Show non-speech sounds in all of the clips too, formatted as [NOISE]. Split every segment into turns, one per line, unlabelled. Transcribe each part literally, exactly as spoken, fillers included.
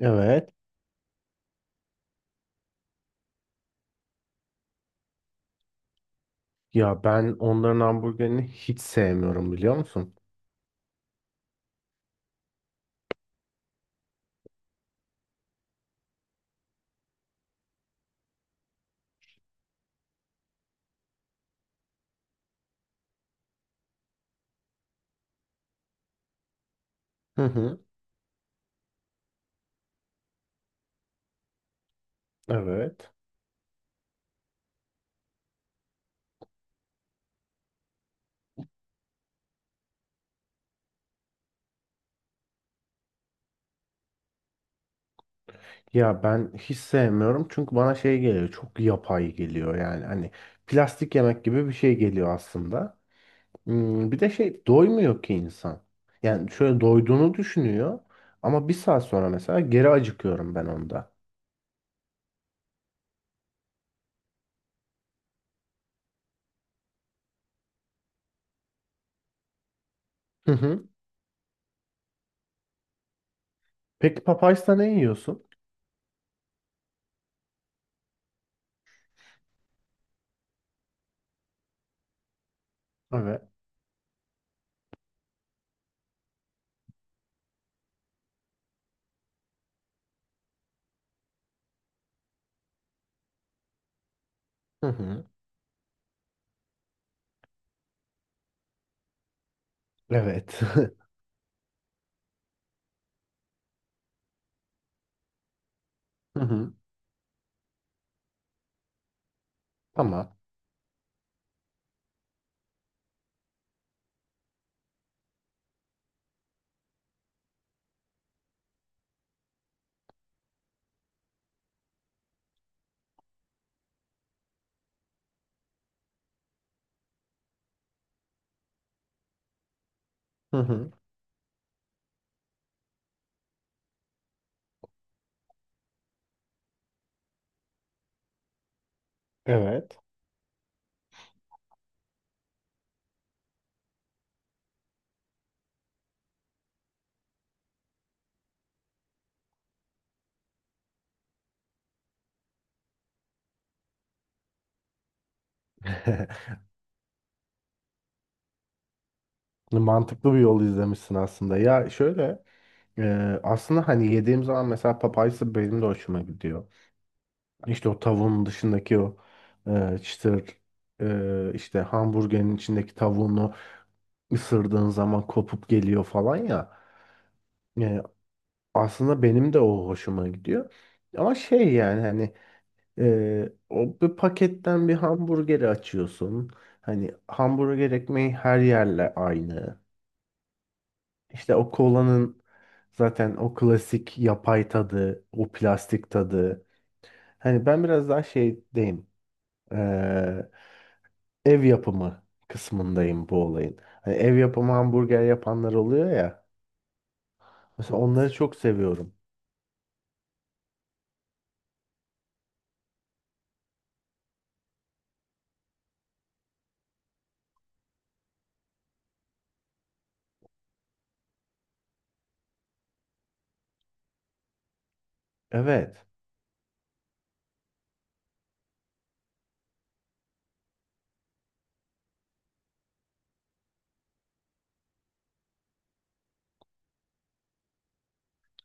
Evet. Ya ben onların hamburgerini hiç sevmiyorum biliyor musun? Hı hı. Evet. Ya ben hiç sevmiyorum çünkü bana şey geliyor, çok yapay geliyor, yani hani plastik yemek gibi bir şey geliyor aslında. Hmm, bir de şey, doymuyor ki insan. Yani şöyle doyduğunu düşünüyor ama bir saat sonra mesela geri acıkıyorum ben onda. Hı hı. Peki Popeyes'ta ne yiyorsun? Evet. Hı hı. Evet. [LAUGHS] Hı hı. Tamam. Hı hı. Evet. [LAUGHS] Mantıklı bir yol izlemişsin aslında. Ya şöyle, e, aslında hani yediğim zaman mesela papayası benim de hoşuma gidiyor. İşte o tavuğun dışındaki o, e, çıtır, e, işte hamburgerin içindeki tavuğunu ısırdığın zaman kopup geliyor falan ya. E, Aslında benim de o hoşuma gidiyor. Ama şey, yani hani, e, o bir paketten bir hamburgeri açıyorsun. Hani hamburger ekmeği her yerle aynı. İşte o kolanın zaten o klasik yapay tadı, o plastik tadı. Hani ben biraz daha şeydeyim. eee, Ev yapımı kısmındayım bu olayın. Hani ev yapımı hamburger yapanlar oluyor ya. Mesela onları çok seviyorum. Evet.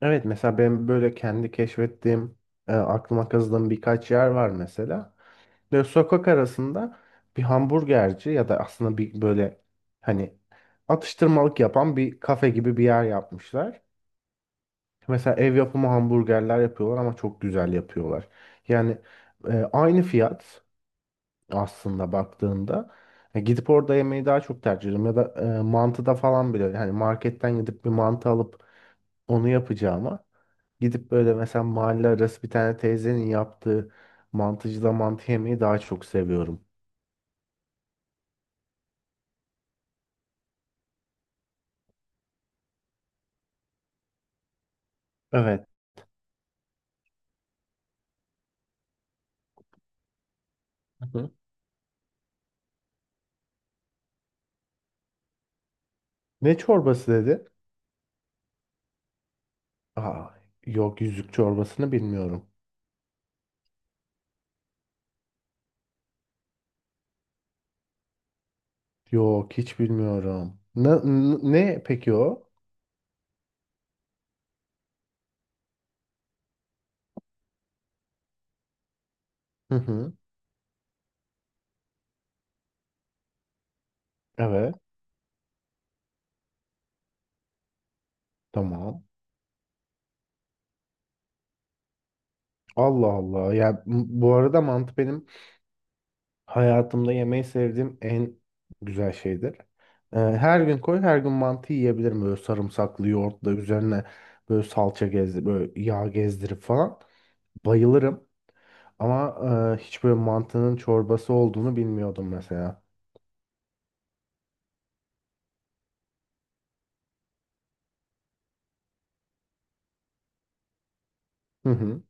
Evet, mesela ben böyle kendi keşfettiğim, e, aklıma kazıdığım birkaç yer var mesela. Böyle sokak arasında bir hamburgerci, ya da aslında bir böyle hani atıştırmalık yapan bir kafe gibi bir yer yapmışlar. Mesela ev yapımı hamburgerler yapıyorlar ama çok güzel yapıyorlar. Yani e, aynı fiyat aslında baktığında. E, gidip orada yemeyi daha çok tercih ediyorum. Ya da, e, mantıda falan bile, yani marketten gidip bir mantı alıp onu yapacağıma, gidip böyle mesela mahalle arası bir tane teyzenin yaptığı mantıcıda mantı yemeyi daha çok seviyorum. Evet. Hı hı. Ne çorbası dedi? Aa, yok, yüzük çorbasını bilmiyorum. Yok, hiç bilmiyorum. Ne, ne peki o? Hı hı. Evet, tamam. Allah Allah. Ya m- bu arada mantı benim hayatımda yemeyi sevdiğim en güzel şeydir. Ee, her gün koy, her gün mantı yiyebilirim, böyle sarımsaklı yoğurtla üzerine böyle salça gezdir, böyle yağ gezdirip falan. Bayılırım. Ama e, hiç böyle mantının çorbası olduğunu bilmiyordum mesela. Hı hı.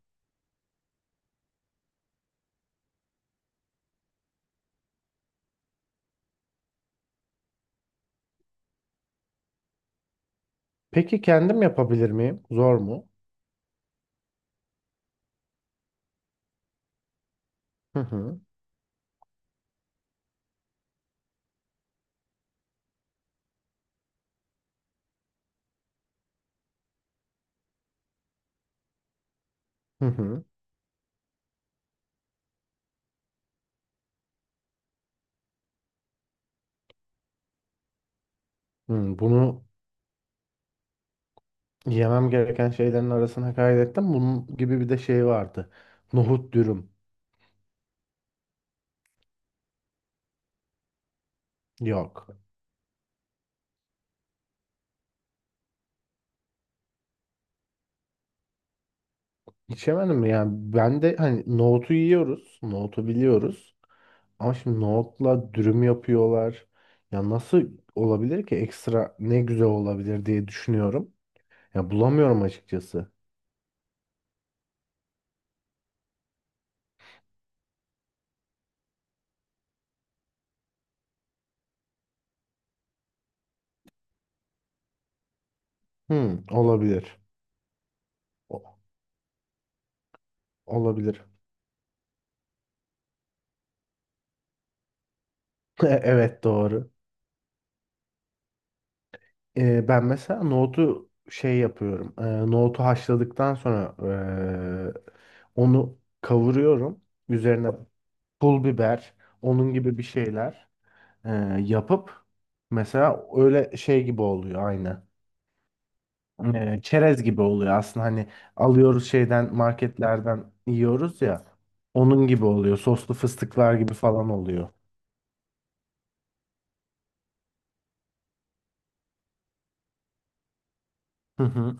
Peki kendim yapabilir miyim? Zor mu? Hı hı. Hı hı. Hı, bunu yemem gereken şeylerin arasına kaydettim. Bunun gibi bir de şey vardı. Nohut dürüm. Yok. İçemedim mi? Yani ben de hani, nohutu yiyoruz. Nohutu biliyoruz. Ama şimdi nohutla dürüm yapıyorlar. Ya nasıl olabilir ki, ekstra ne güzel olabilir diye düşünüyorum. Ya bulamıyorum açıkçası. Hmm, olabilir. O- olabilir. [LAUGHS] Evet, doğru. Ee, ben mesela nohutu şey yapıyorum. Ee, nohutu haşladıktan sonra ee, onu kavuruyorum. Üzerine pul biber, onun gibi bir şeyler, ee, yapıp mesela öyle şey gibi oluyor aynı. Ee, çerez gibi oluyor aslında, hani alıyoruz şeyden, marketlerden yiyoruz ya. Onun gibi oluyor. Soslu fıstıklar gibi falan oluyor. Hı hı.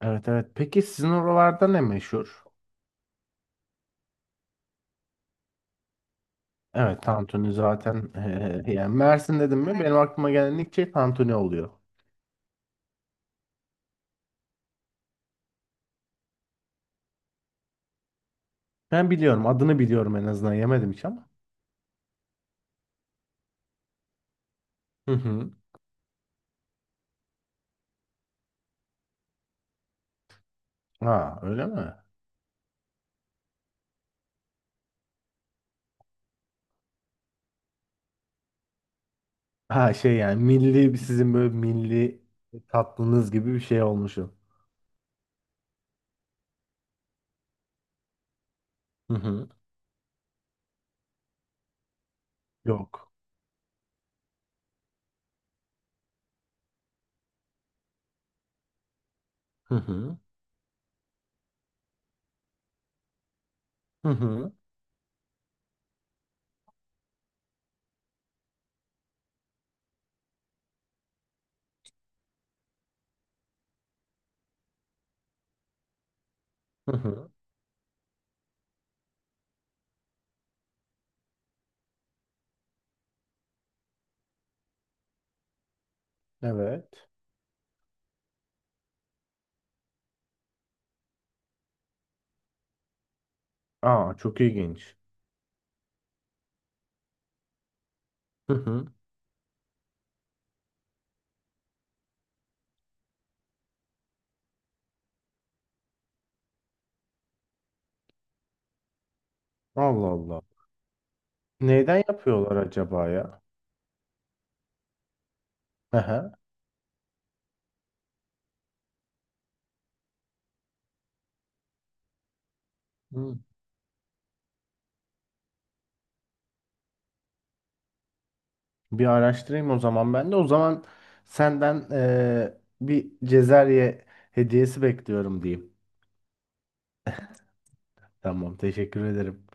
Evet, evet. Peki sizin oralarda ne meşhur? Evet, tantuni zaten, eee, yani Mersin dedim mi benim aklıma gelen ilk şey tantuni oluyor. Ben biliyorum, adını biliyorum en azından, yemedim hiç ama. Hı hı. Ha, öyle mi? Ha şey, yani milli, sizin böyle milli tatlınız gibi bir şey olmuşum. Hı hı. Yok. Hı hı. Hı hı. Hı hı. Evet. Aa, çok ilginç. Hı hı. Allah Allah. Neyden yapıyorlar acaba ya? Hı hı. Bir araştırayım o zaman ben de. O zaman senden eee, bir Cezerye hediyesi bekliyorum diyeyim. Tamam, teşekkür ederim.